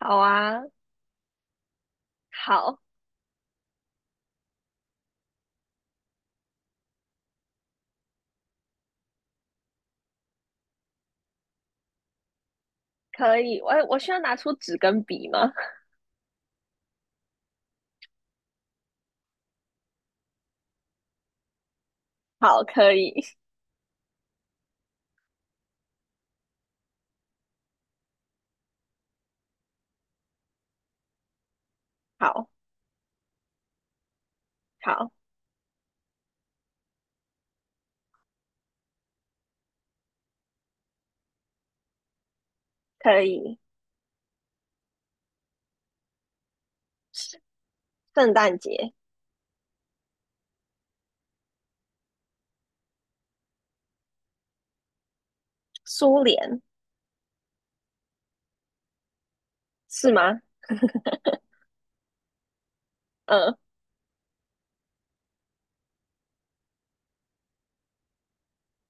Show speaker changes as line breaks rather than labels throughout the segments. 好啊，好，可以。我需要拿出纸跟笔吗？好，可以。好，好，可以。圣诞节，苏联是吗？嗯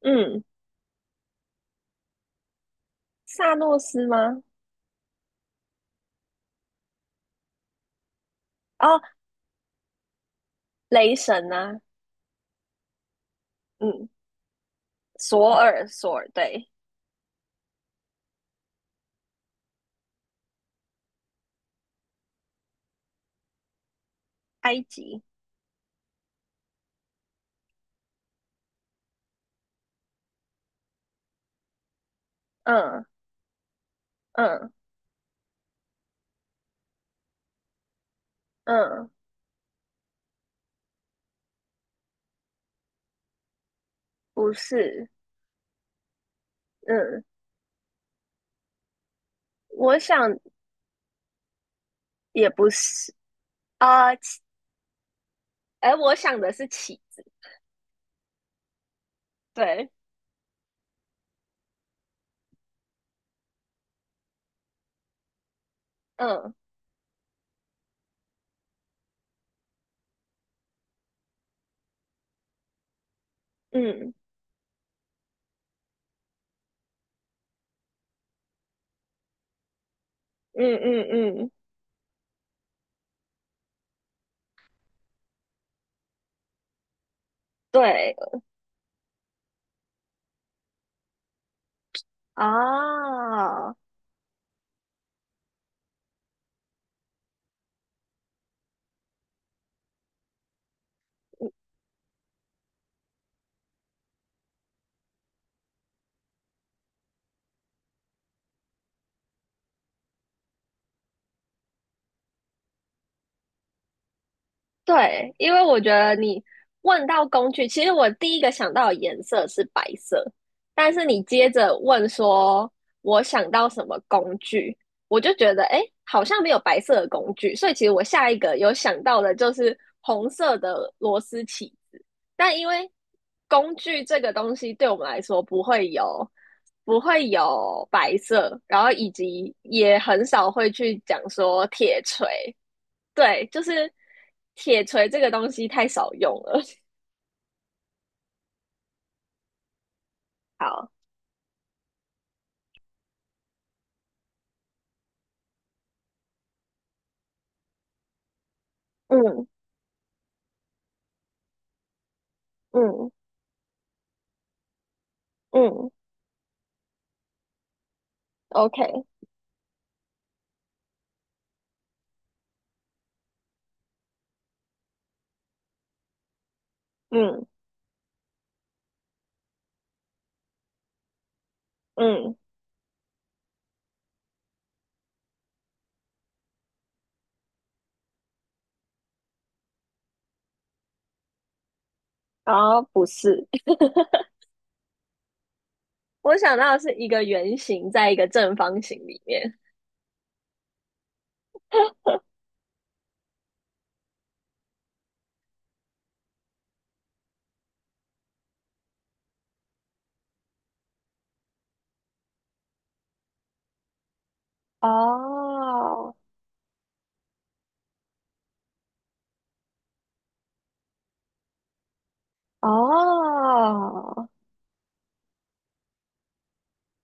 嗯，萨诺斯吗？哦，雷神啊，嗯，索尔，索尔，对，埃及，嗯嗯嗯，不是，嗯，我想也不是，啊哎，我想的是起子，对，嗯嗯嗯嗯嗯，对。啊，对，因为我觉得你问到工具，其实我第一个想到的颜色是白色，但是你接着问说我想到什么工具，我就觉得诶，好像没有白色的工具，所以其实我下一个有想到的就是红色的螺丝起子，但因为工具这个东西对我们来说不会有。不会有白色，然后以及也很少会去讲说铁锤，对，就是铁锤这个东西太少用了。好，嗯嗯嗯，OK，嗯嗯，然后不是，我想到的是一个圆形在一个正方形里面。哦哦，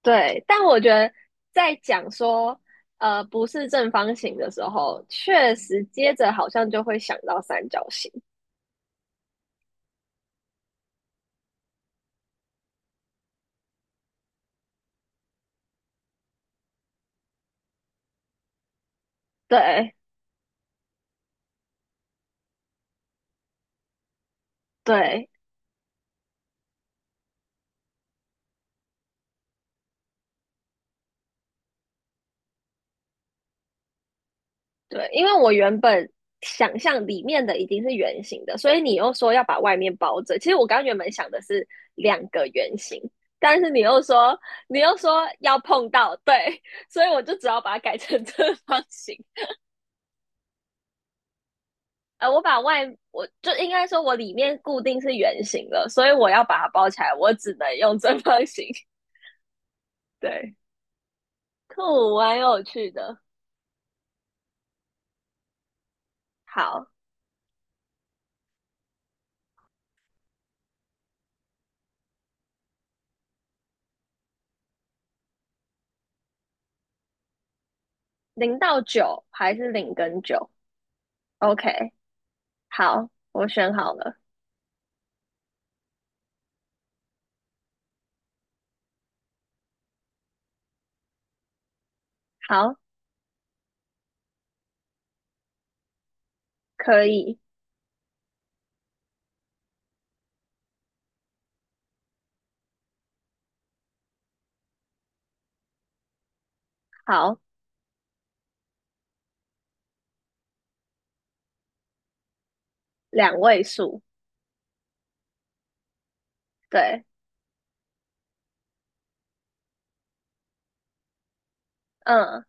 对，但我觉得在讲说不是正方形的时候，确实接着好像就会想到三角形。对对，对，因为我原本想象里面的已经是圆形的，所以你又说要把外面包着。其实我刚原本想的是两个圆形，但是你又说你又说要碰到，对，所以我就只好把它改成正方形。我把外我就应该说我里面固定是圆形的，所以我要把它包起来，我只能用正方形。对，酷，蛮有趣的。好，零到九还是零跟九？OK，好，我选好了。好，可以，好，两位数，对，嗯，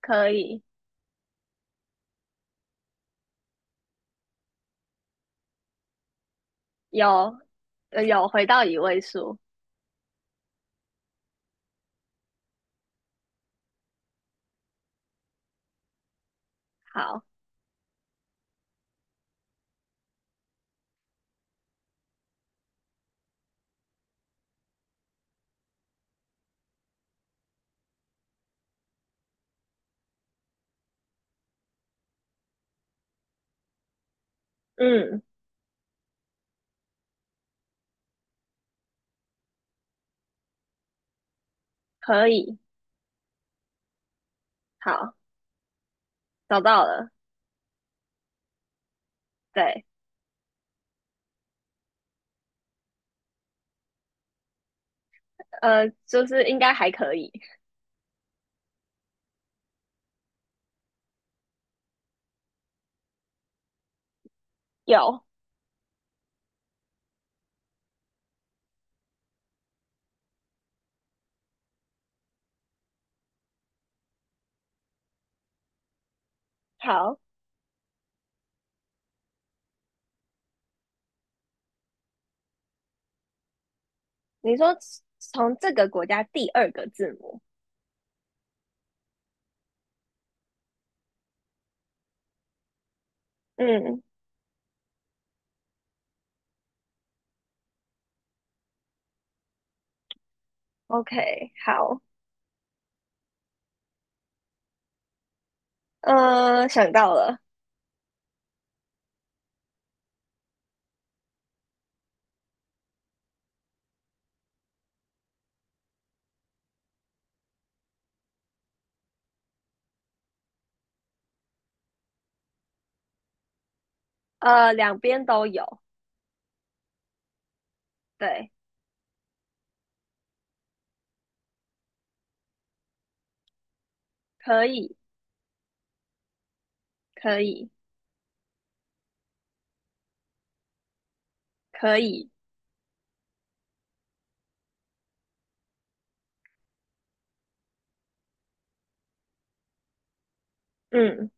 可以，有，有回到一位数，好，嗯，可以，好，找到了，对，就是应该还可以，有，好，你说从这个国家第二个字母，嗯，OK，好，想到了，两边都有，对，可以，可以，可以，嗯，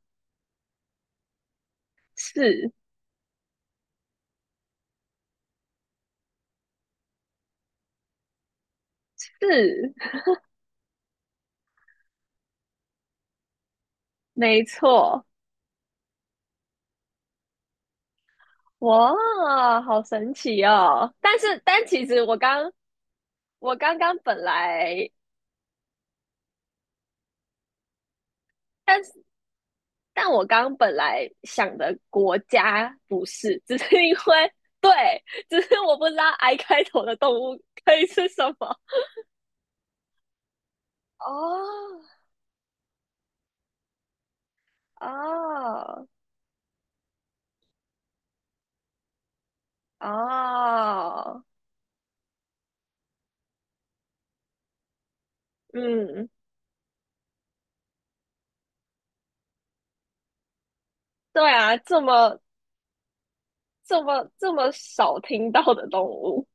是是，没错。哇，好神奇哦！但是，但其实我刚刚本来，但是但我刚本来想的国家不是，只是因为对，只是我不知道 I 开头的动物可以是什么。哦哦哦，嗯，对啊，这么少听到的动物，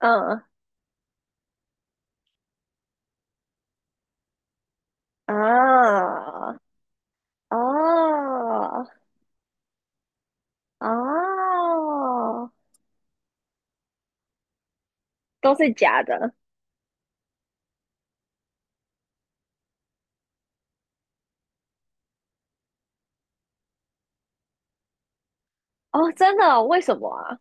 嗯啊啊啊。都是假的哦，真的哦？为什么啊？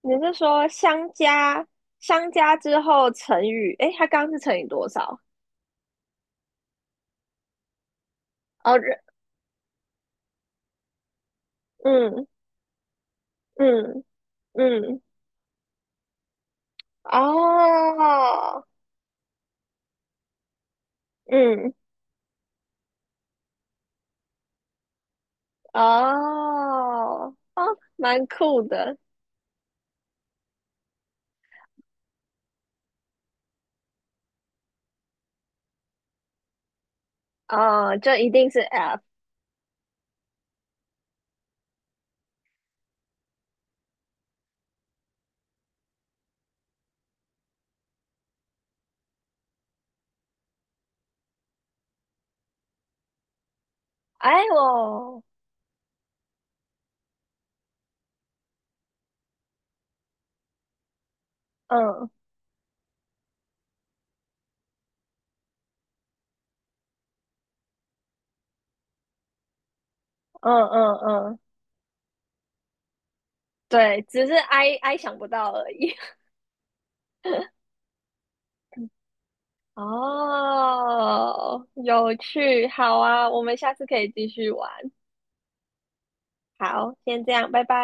你是说相加之后乘以，诶，它刚刚是乘以多少？哦，人嗯嗯嗯，哦，嗯哦哦，蛮酷的哦，就一定是 F。哎我，嗯嗯嗯嗯，对，只是 I 想不到而已。哦，有趣，好啊，我们下次可以继续玩。好，先这样，拜拜。